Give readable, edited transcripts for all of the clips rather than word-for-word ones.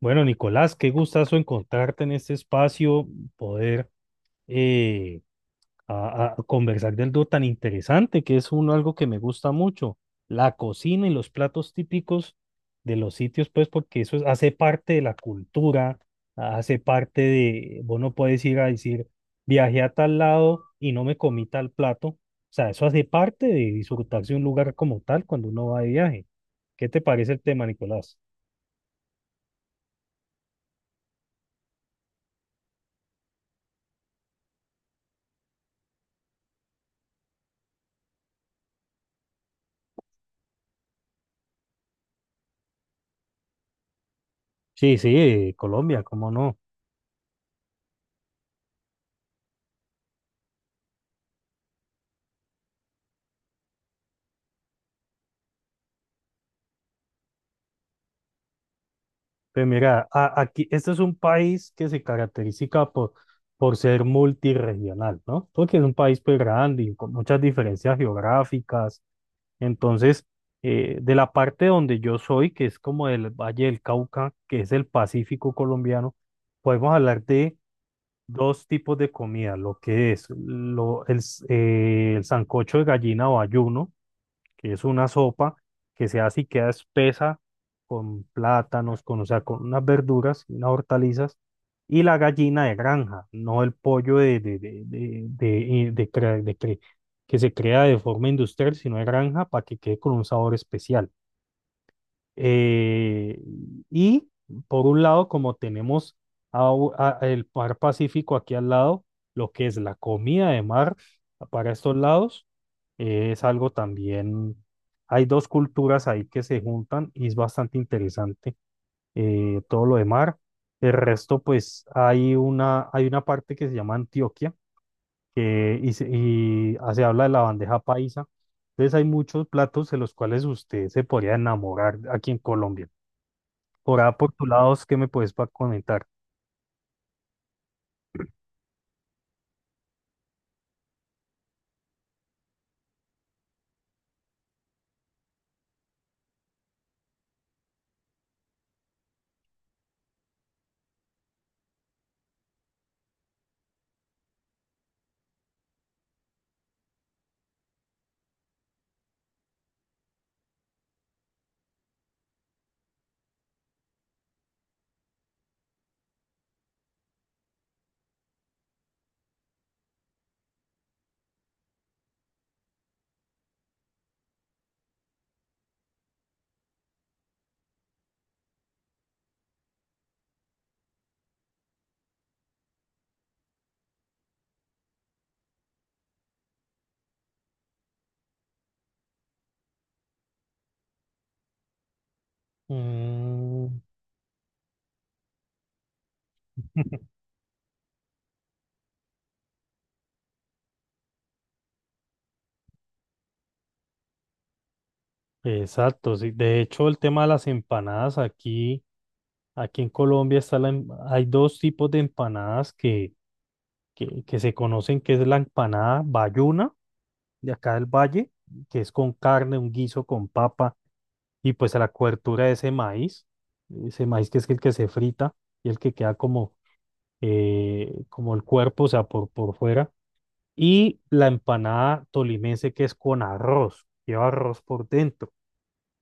Bueno, Nicolás, qué gustazo encontrarte en este espacio, poder eh, a conversar de algo tan interesante, que es uno, algo que me gusta mucho, la cocina y los platos típicos de los sitios, pues porque hace parte de la cultura, hace parte de, vos no puedes ir a decir, viajé a tal lado y no me comí tal plato, o sea, eso hace parte de disfrutarse un lugar como tal cuando uno va de viaje. ¿Qué te parece el tema, Nicolás? Sí, sí, Colombia, cómo no. Pero mira, aquí, este es un país que se caracteriza por, por ser multirregional, ¿no? Porque es un país pues grande y con muchas diferencias geográficas. Entonces, de la parte donde yo soy, que es como el Valle del Cauca, que es el Pacífico colombiano, podemos hablar de dos tipos de comida, lo que es lo, el, s- el sancocho de gallina o ayuno que es una sopa que se hace y queda espesa con plátanos, con, o sea, con unas verduras, unas hortalizas, y la gallina de granja, no el pollo de cre- que se crea de forma industrial, sino de granja para que quede con un sabor especial. Eh, y por un lado, como tenemos el mar Pacífico aquí al lado, lo que es la comida de mar para estos lados, es algo también, hay dos culturas ahí que se juntan y es bastante interesante, todo lo de mar. El resto, pues hay una parte que se llama Antioquia que se habla de la bandeja paisa. Entonces hay muchos platos de los cuales usted se podría enamorar aquí en Colombia. Por A, por tu lado, ¿qué me puedes pa comentar? Mm, exacto, sí. De hecho, el tema de las empanadas aquí, aquí en Colombia hay dos tipos de empanadas que se conocen, que es la empanada bayuna, de acá del valle, que es con carne, un guiso con papa, y pues la cobertura de ese maíz que es el que se frita y el que queda como, como el cuerpo, o sea, por fuera. Y la empanada tolimense que es con arroz, lleva arroz por dentro.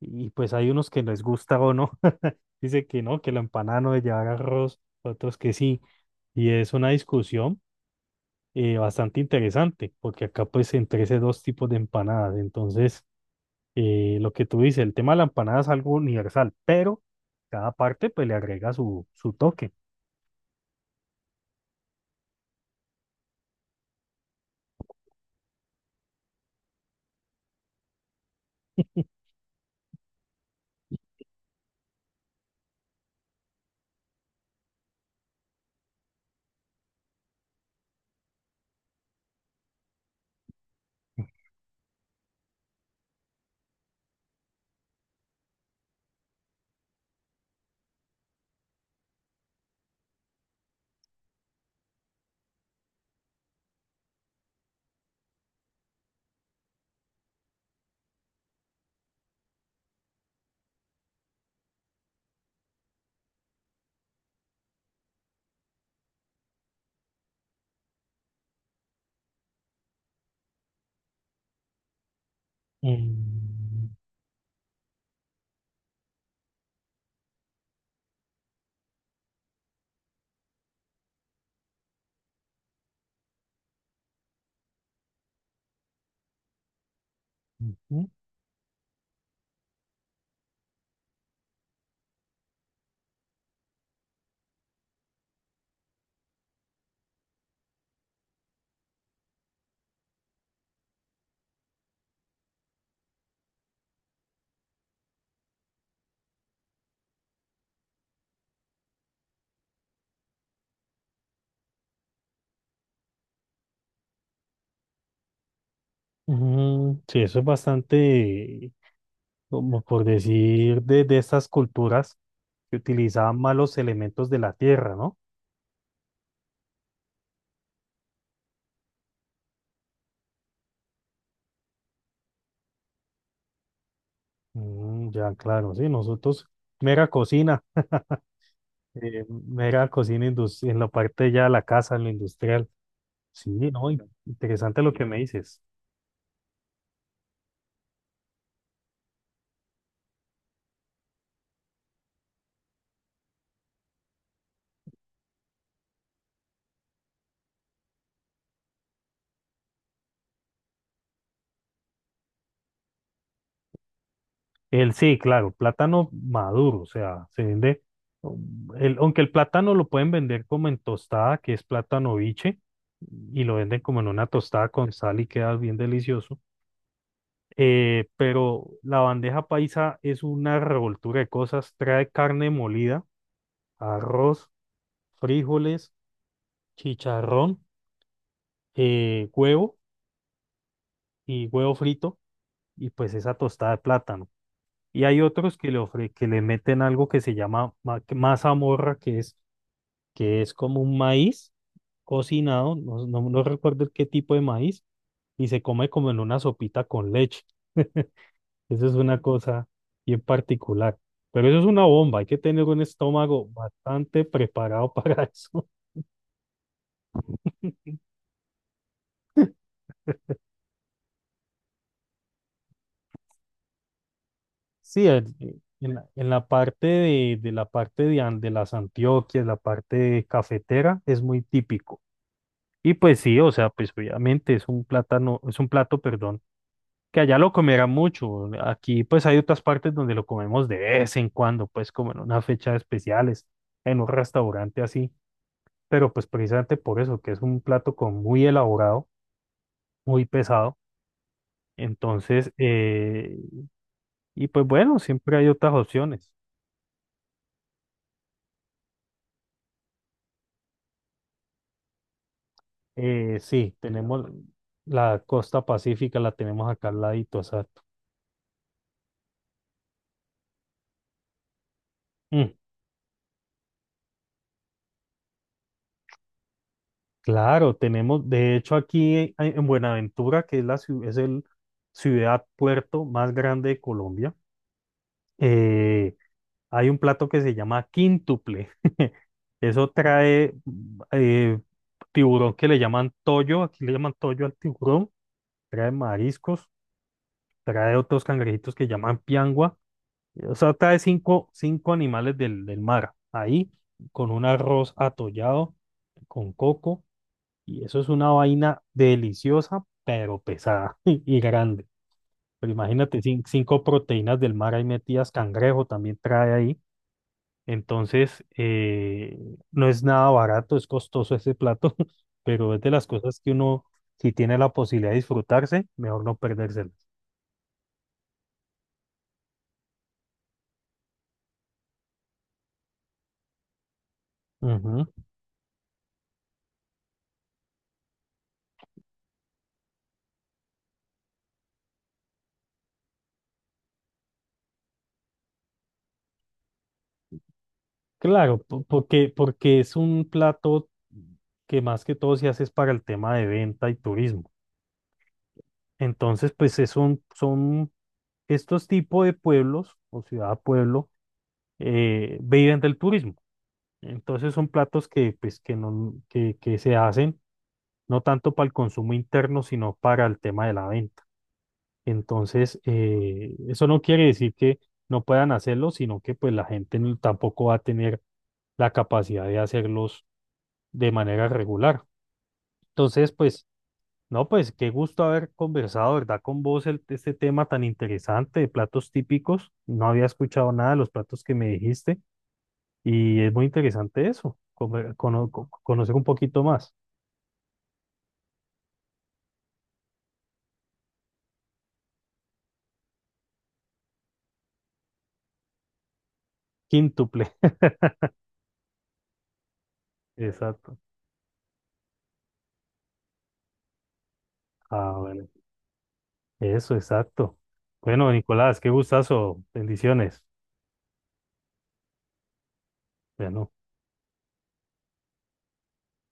Y pues hay unos que les gusta o no. Dice que no, que la empanada no debe llevar arroz, otros que sí. Y es una discusión, bastante interesante, porque acá pues entre esos dos tipos de empanadas. Entonces, lo que tú dices, el tema de la empanada es algo universal, pero cada parte pues le agrega su toque. Mm, ujú, ujú. Sí, eso es bastante como por decir, de estas culturas que utilizaban malos elementos de la tierra, ¿no? Mm, ya, claro, sí, nosotros, mera cocina, en la parte ya de la casa, en lo industrial. Sí, no, interesante lo que me dices. El sí, claro, plátano maduro, o sea, se vende, aunque el plátano lo pueden vender como en tostada, que es plátano biche, y lo venden como en una tostada con sal y queda bien delicioso. Pero la bandeja paisa es una revoltura de cosas. Trae carne molida, arroz, frijoles, chicharrón, eh, huevo huevo frito y pues esa tostada de plátano. Y hay otros que le ofre, que le meten algo que se llama mazamorra, que es como un maíz cocinado, no recuerdo qué tipo de maíz, y se come como en una sopita con leche. Eso es una cosa bien particular. Pero eso es una bomba, hay que tener un estómago bastante preparado para eso. Sí, en, en la, de la parte de, de las Antioquias, la parte de cafetera, es muy típico. Y pues sí, o sea, pues obviamente es un plátano, es un plato, perdón, que allá lo comerán mucho. Aquí pues hay otras partes donde lo comemos de vez en cuando, pues como en unas fechas especiales, en un restaurante así. Pero pues precisamente por eso, que es un plato con muy elaborado, muy pesado. Entonces, pues bueno, siempre hay otras opciones. Sí, tenemos la costa pacífica, la tenemos acá al ladito, exacto. Mm, claro, tenemos, de hecho aquí en Buenaventura, que es es el ciudad puerto más grande de Colombia, eh, hay un plato que se llama quíntuple. Eso trae tiburón que le llaman toyo, aquí le llaman toyo al tiburón, trae mariscos, trae otros cangrejitos que llaman piangua, o sea, trae cinco animales del mar, ahí, con un arroz atollado, con coco, y eso es una vaina deliciosa, pero pesada y grande. Pero imagínate, cinco proteínas del mar ahí metidas, cangrejo también trae ahí. Entonces, no es nada barato, es costoso ese plato, pero es de las cosas que uno, si tiene la posibilidad de disfrutarse, mejor no perdérselas. Ujú. Claro, porque, porque es un plato que más que todo se hace es para el tema de venta y turismo. Entonces, son estos tipos de pueblos o ciudad-pueblo viven del turismo. Entonces son platos que, pues, que, no, que se hacen no tanto para el consumo interno, sino para el tema de la venta. Entonces, eso no quiere decir que no puedan hacerlo, sino que pues la gente no- tampoco va a tener la capacidad de hacerlos de manera regular. Entonces, pues, no, pues qué gusto haber conversado, ¿verdad? Con vos este tema tan interesante de platos típicos. No había escuchado nada de los platos que me dijiste y es muy interesante eso, conocer un poquito más. Quíntuple. Exacto. Ah, bueno. Eso, exacto. Bueno, Nicolás, qué gustazo. Bendiciones. Bueno.